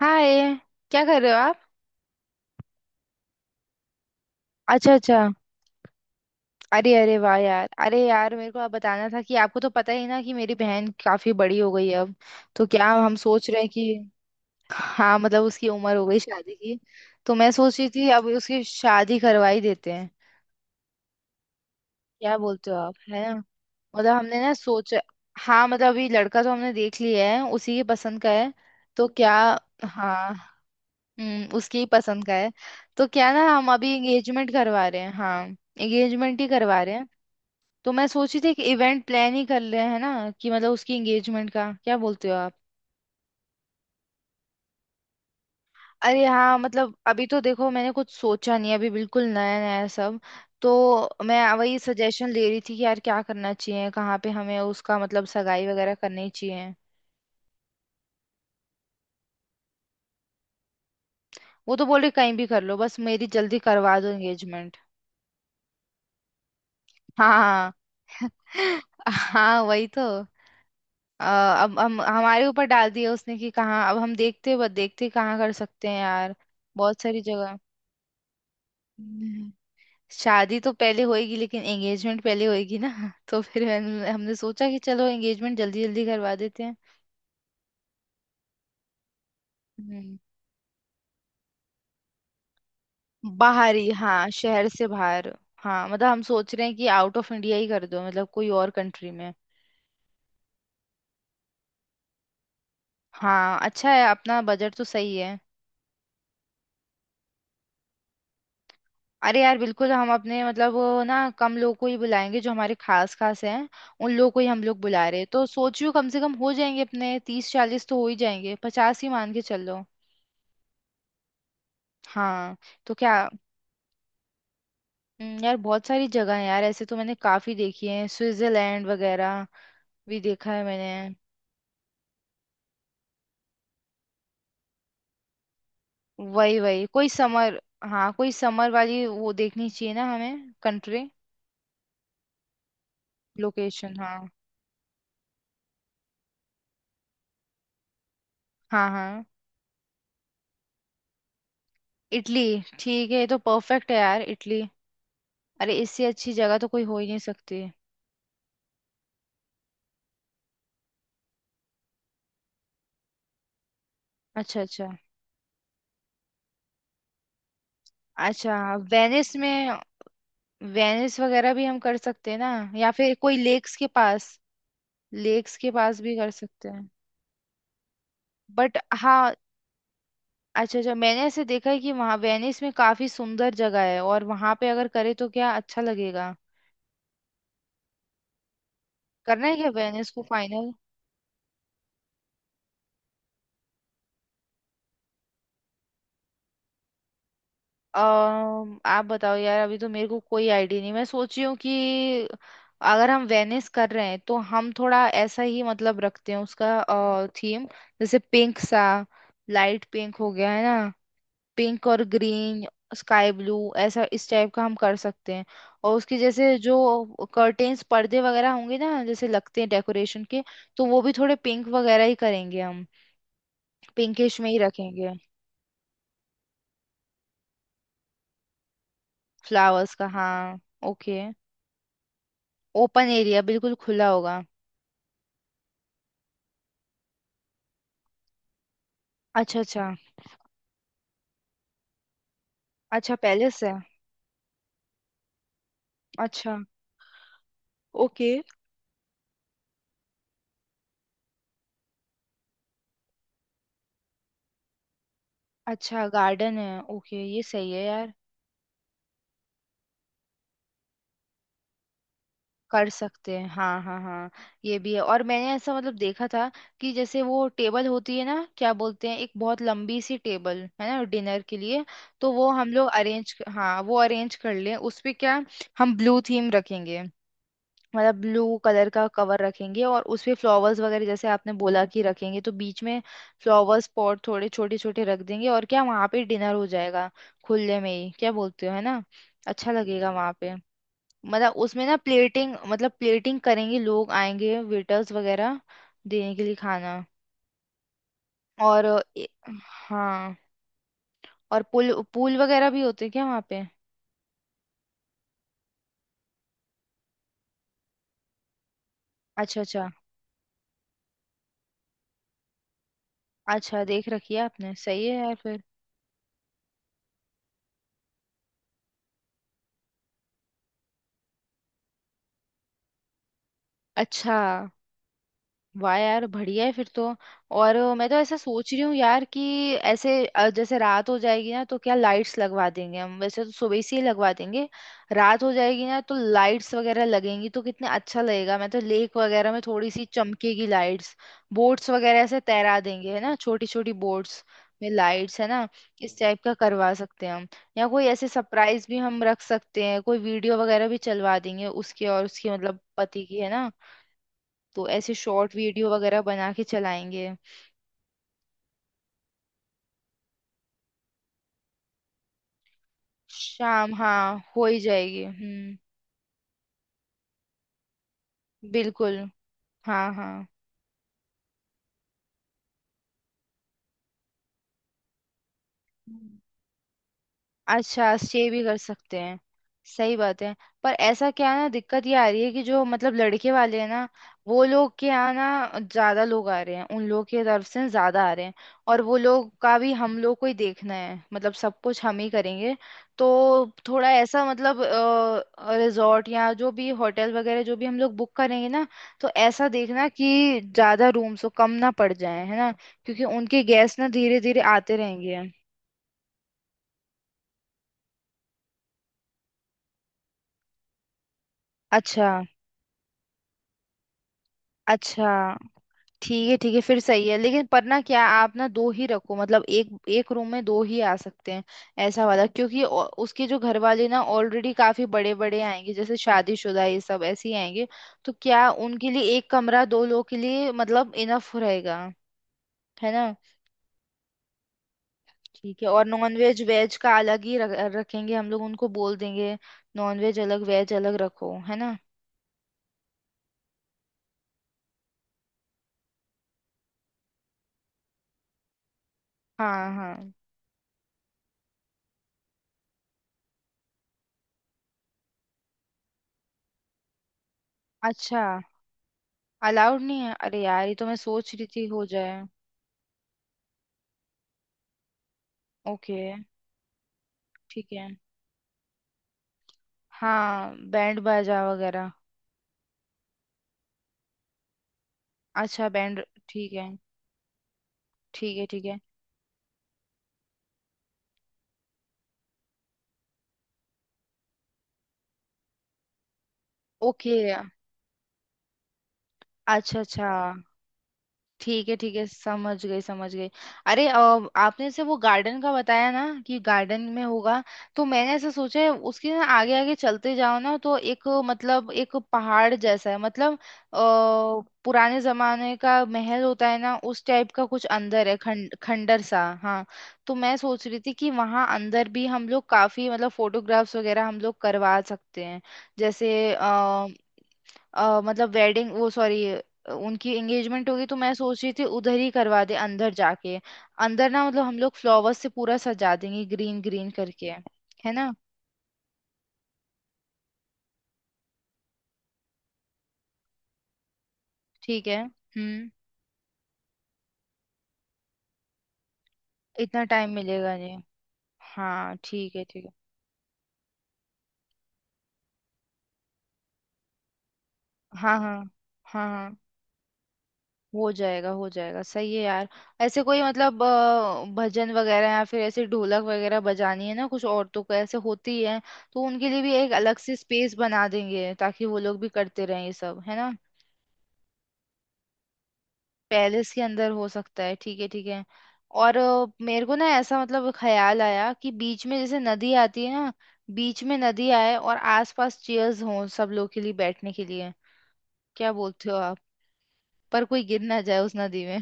हाय। क्या कर रहे हो आप? अच्छा, अच्छा। अरे अरे, वाह यार। अरे यार, मेरे को आप बताना था कि आपको तो पता ही ना कि मेरी बहन काफी बड़ी हो गई है अब। तो क्या हम सोच रहे हैं कि। हाँ, मतलब उसकी उम्र हो गई शादी की। तो मैं सोच रही थी अब उसकी शादी करवा ही देते हैं। क्या बोलते हो आप, है ना? मतलब हमने ना सोचा। हाँ, मतलब अभी लड़का तो हमने देख लिया है, उसी के पसंद का है। तो क्या। हाँ। उसकी ही पसंद का है। तो क्या ना, हम अभी एंगेजमेंट करवा रहे हैं, हाँ। एंगेजमेंट ही करवा रहे हैं। तो मैं सोची थी कि इवेंट प्लान ही कर रहे हैं ना, कि मतलब उसकी एंगेजमेंट का, क्या बोलते हो आप? अरे हाँ, मतलब अभी तो देखो मैंने कुछ सोचा नहीं है, अभी बिल्कुल नया नया है सब। तो मैं वही सजेशन ले रही थी कि यार क्या करना चाहिए, कहाँ पे हमें उसका मतलब सगाई वगैरह करनी चाहिए। वो तो बोले कहीं भी कर लो, बस मेरी जल्दी करवा दो एंगेजमेंट। हाँ हाँ, हाँ वही तो। अ, अब हम हमारे ऊपर डाल दिया उसने कि कहाँ, अब हम देखते बस देखते कहाँ कर सकते हैं यार, बहुत सारी जगह। हम्म। शादी तो पहले होएगी, लेकिन एंगेजमेंट पहले होएगी ना तो फिर हमने सोचा कि चलो एंगेजमेंट जल्दी जल्दी करवा देते हैं। हम्म। बाहरी, हाँ, शहर से बाहर। हाँ, मतलब हम सोच रहे हैं कि आउट ऑफ इंडिया ही कर दो, मतलब कोई और कंट्री में। हाँ, अच्छा है, अपना बजट तो सही है। अरे यार बिल्कुल, हम अपने मतलब वो ना, कम लोग को ही बुलाएंगे जो हमारे खास खास हैं। उन लोग को ही हम लोग बुला रहे हैं, तो सोच रही हूँ कम से कम हो जाएंगे, अपने 30 40 तो हो ही जाएंगे, 50 ही मान के चलो। हाँ, तो क्या। यार बहुत सारी जगह है यार, ऐसे तो मैंने काफी देखी है, स्विट्जरलैंड वगैरह भी देखा है मैंने। वही वही कोई समर। हाँ, कोई समर वाली वो देखनी चाहिए ना हमें, कंट्री। लोकेशन। हाँ, हाँ, हाँ। इटली। ठीक है, ये तो परफेक्ट है यार, इटली। अरे, इससे अच्छी जगह तो कोई हो ही नहीं सकती। अच्छा, अच्छा। अच्छा, वेनिस में। वेनिस वगैरह भी हम कर सकते हैं ना? या फिर कोई लेक्स के पास, लेक्स के पास भी कर सकते हैं, बट। हाँ। अच्छा, अच्छा, मैंने ऐसे देखा है कि वहाँ वेनिस में काफी सुंदर जगह है, और वहाँ पे अगर करे तो क्या अच्छा लगेगा। करना है क्या वेनिस को फाइनल? आप बताओ यार, अभी तो मेरे को कोई आइडिया नहीं, मैं सोच रही हूँ कि अगर हम वेनिस कर रहे हैं तो हम थोड़ा ऐसा ही मतलब रखते हैं उसका थीम। जैसे पिंक सा। लाइट पिंक हो गया, है ना। पिंक और ग्रीन। स्काई ब्लू, ऐसा इस टाइप का हम कर सकते हैं। और उसकी जैसे जो कर्टेन्स पर्दे वगैरह होंगे ना, जैसे लगते हैं डेकोरेशन के। तो वो भी थोड़े पिंक वगैरह ही करेंगे हम। पिंकिश में ही रखेंगे। फ्लावर्स का, हाँ। ओके, ओपन एरिया बिल्कुल खुला होगा। अच्छा, अच्छा। अच्छा पैलेस है। अच्छा, ओके। अच्छा गार्डन है, ओके, ये सही है यार। कर सकते हैं, हाँ, हाँ, हाँ। ये भी है, और मैंने ऐसा मतलब देखा था कि जैसे वो टेबल होती है ना, क्या बोलते हैं, एक बहुत लंबी सी टेबल है ना डिनर के लिए। तो वो हम लोग अरेंज, हाँ, वो अरेंज कर लें, उस पे क्या। हम ब्लू थीम रखेंगे। मतलब ब्लू कलर का कवर रखेंगे, और उसपे फ्लावर्स वगैरह जैसे आपने बोला कि रखेंगे तो बीच में फ्लावर्स पॉट थोड़े छोटे छोटे रख देंगे, और क्या, वहां पे डिनर हो जाएगा। खुले में ही, क्या बोलते हो, है ना। अच्छा लगेगा वहां पे। मतलब उसमें ना प्लेटिंग, मतलब प्लेटिंग करेंगे, लोग आएंगे वेटर्स वगैरह देने के लिए खाना। और हाँ। और पूल पूल वगैरह भी होते हैं क्या वहाँ पे? अच्छा, अच्छा। अच्छा, देख रखी है आपने, सही है यार फिर। अच्छा, वाह यार, बढ़िया है फिर तो। और मैं तो ऐसा सोच रही हूँ यार कि ऐसे जैसे रात हो जाएगी ना तो क्या लाइट्स लगवा देंगे हम, वैसे तो सुबह से ही लगवा देंगे। रात हो जाएगी ना तो लाइट्स वगैरह लगेंगी, तो कितना अच्छा लगेगा, मैं तो लेक वगैरह में थोड़ी सी चमकेगी लाइट्स। बोट्स वगैरह ऐसे तैरा देंगे, है ना, छोटी छोटी बोट्स में लाइट्स, है ना। इस टाइप का करवा सकते हैं हम। या कोई ऐसे सरप्राइज भी हम रख सकते हैं, कोई वीडियो वगैरह भी चलवा देंगे, उसके और उसके मतलब पति की, है ना। तो ऐसे शॉर्ट वीडियो वगैरह बना के चलाएंगे। शाम, हाँ, हो ही जाएगी, हम्म। बिल्कुल। हाँ, हाँ। अच्छा, स्टे भी कर सकते हैं। सही बात है। पर ऐसा क्या है ना, दिक्कत ये आ रही है कि जो मतलब लड़के वाले हैं ना, वो लोग के यहाँ ना ज्यादा लोग आ रहे हैं, उन लोगों की तरफ से ज्यादा आ रहे हैं। और वो लोग का भी हम लोग को ही देखना है, मतलब सब कुछ हम ही करेंगे। तो थोड़ा ऐसा मतलब रिजॉर्ट या जो भी होटल वगैरह जो भी हम लोग बुक करेंगे ना, तो ऐसा देखना कि ज्यादा रूम्स हो, कम ना पड़ जाए, है ना। क्योंकि उनके गेस्ट ना धीरे धीरे आते रहेंगे। अच्छा, अच्छा। ठीक है, ठीक है फिर, सही है लेकिन। पर ना, क्या आप ना दो ही रखो, मतलब एक एक रूम में दो ही आ सकते हैं। ऐसा वाला, क्योंकि उसके जो घर वाले ना ऑलरेडी काफी बड़े बड़े आएंगे, जैसे शादीशुदा ये सब ऐसे ही आएंगे। तो क्या उनके लिए एक कमरा दो लोग के लिए मतलब इनफ रहेगा, है ना। ठीक है, और नॉन वेज वेज का अलग ही रखेंगे हम लोग, उनको बोल देंगे। नॉन वेज अलग, वेज अलग रखो, है ना। हाँ, हाँ। अच्छा, अलाउड नहीं है? अरे यार, ये तो मैं सोच रही थी हो जाए। ओके, ठीक है। हाँ, बैंड बाजा वगैरह। अच्छा बैंड। ठीक है, ठीक है, ठीक है, ओके। अच्छा, अच्छा। ठीक है, ठीक है, समझ गई, समझ गई। अरे आपने से वो गार्डन का बताया ना कि गार्डन में होगा। तो मैंने ऐसा सोचा है, उसके ना आगे आगे चलते जाओ ना तो एक मतलब एक पहाड़ जैसा है, मतलब अ, पुराने जमाने का महल होता है ना, उस टाइप का कुछ अंदर है, खंड खंडर सा, हाँ। तो मैं सोच रही थी कि वहाँ अंदर भी हम लोग काफी मतलब फोटोग्राफ्स वगैरह हम लोग करवा सकते हैं। जैसे मतलब वेडिंग वो, सॉरी, उनकी एंगेजमेंट होगी, तो मैं सोच रही थी उधर ही करवा दे, अंदर जाके। अंदर ना मतलब हम लोग फ्लावर्स से पूरा सजा देंगे, ग्रीन ग्रीन करके, है ना। ठीक है, हम्म। इतना टाइम मिलेगा नहीं। हाँ, ठीक है, ठीक है, हाँ, हाँ। हाँ, हाँ, हो जाएगा, हो जाएगा, सही है यार। ऐसे कोई मतलब भजन वगैरह, या फिर ऐसे ढोलक वगैरह बजानी है ना कुछ औरतों को ऐसे होती है। तो उनके लिए भी एक अलग से स्पेस बना देंगे, ताकि वो लोग भी करते रहें ये सब, है ना। पैलेस के अंदर हो सकता है, ठीक है, ठीक है। और मेरे को ना ऐसा मतलब ख्याल आया कि बीच में जैसे नदी आती है ना। बीच में नदी आए, और आसपास चेयर्स हों सब लोग के लिए बैठने के लिए। क्या बोलते हो आप? पर कोई गिर ना जाए उस नदी में।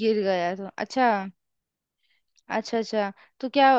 गिर गया तो? अच्छा, अच्छा। अच्छा, तो क्या।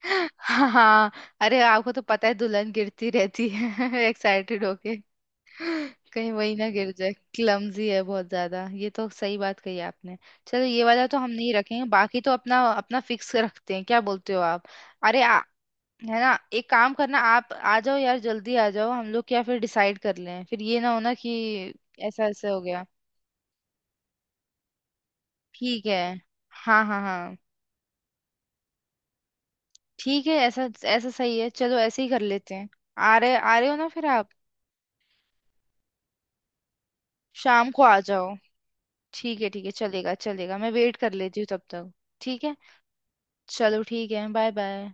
हाँ, हाँ, अरे आपको तो पता है दुल्हन गिरती रहती है एक्साइटेड होके। कहीं वही ना गिर जाए, क्लमजी है बहुत ज्यादा, ये तो सही बात कही आपने। चलो ये वाला तो हम नहीं रखेंगे, बाकी तो अपना अपना फिक्स रखते हैं, क्या बोलते हो आप? अरे है ना, एक काम करना, आप आ जाओ यार, जल्दी आ जाओ, हम लोग क्या फिर डिसाइड कर लें, फिर ये ना हो ना कि ऐसा ऐसा हो गया। ठीक है, हाँ, हाँ, हाँ। ठीक है, ऐसा ऐसा सही है, चलो ऐसे ही कर लेते हैं। आ रहे हो ना फिर आप। शाम को आ जाओ। ठीक है, ठीक है, चलेगा, चलेगा, मैं वेट कर लेती हूँ तब तक। ठीक है, चलो, ठीक है, बाय, बाय।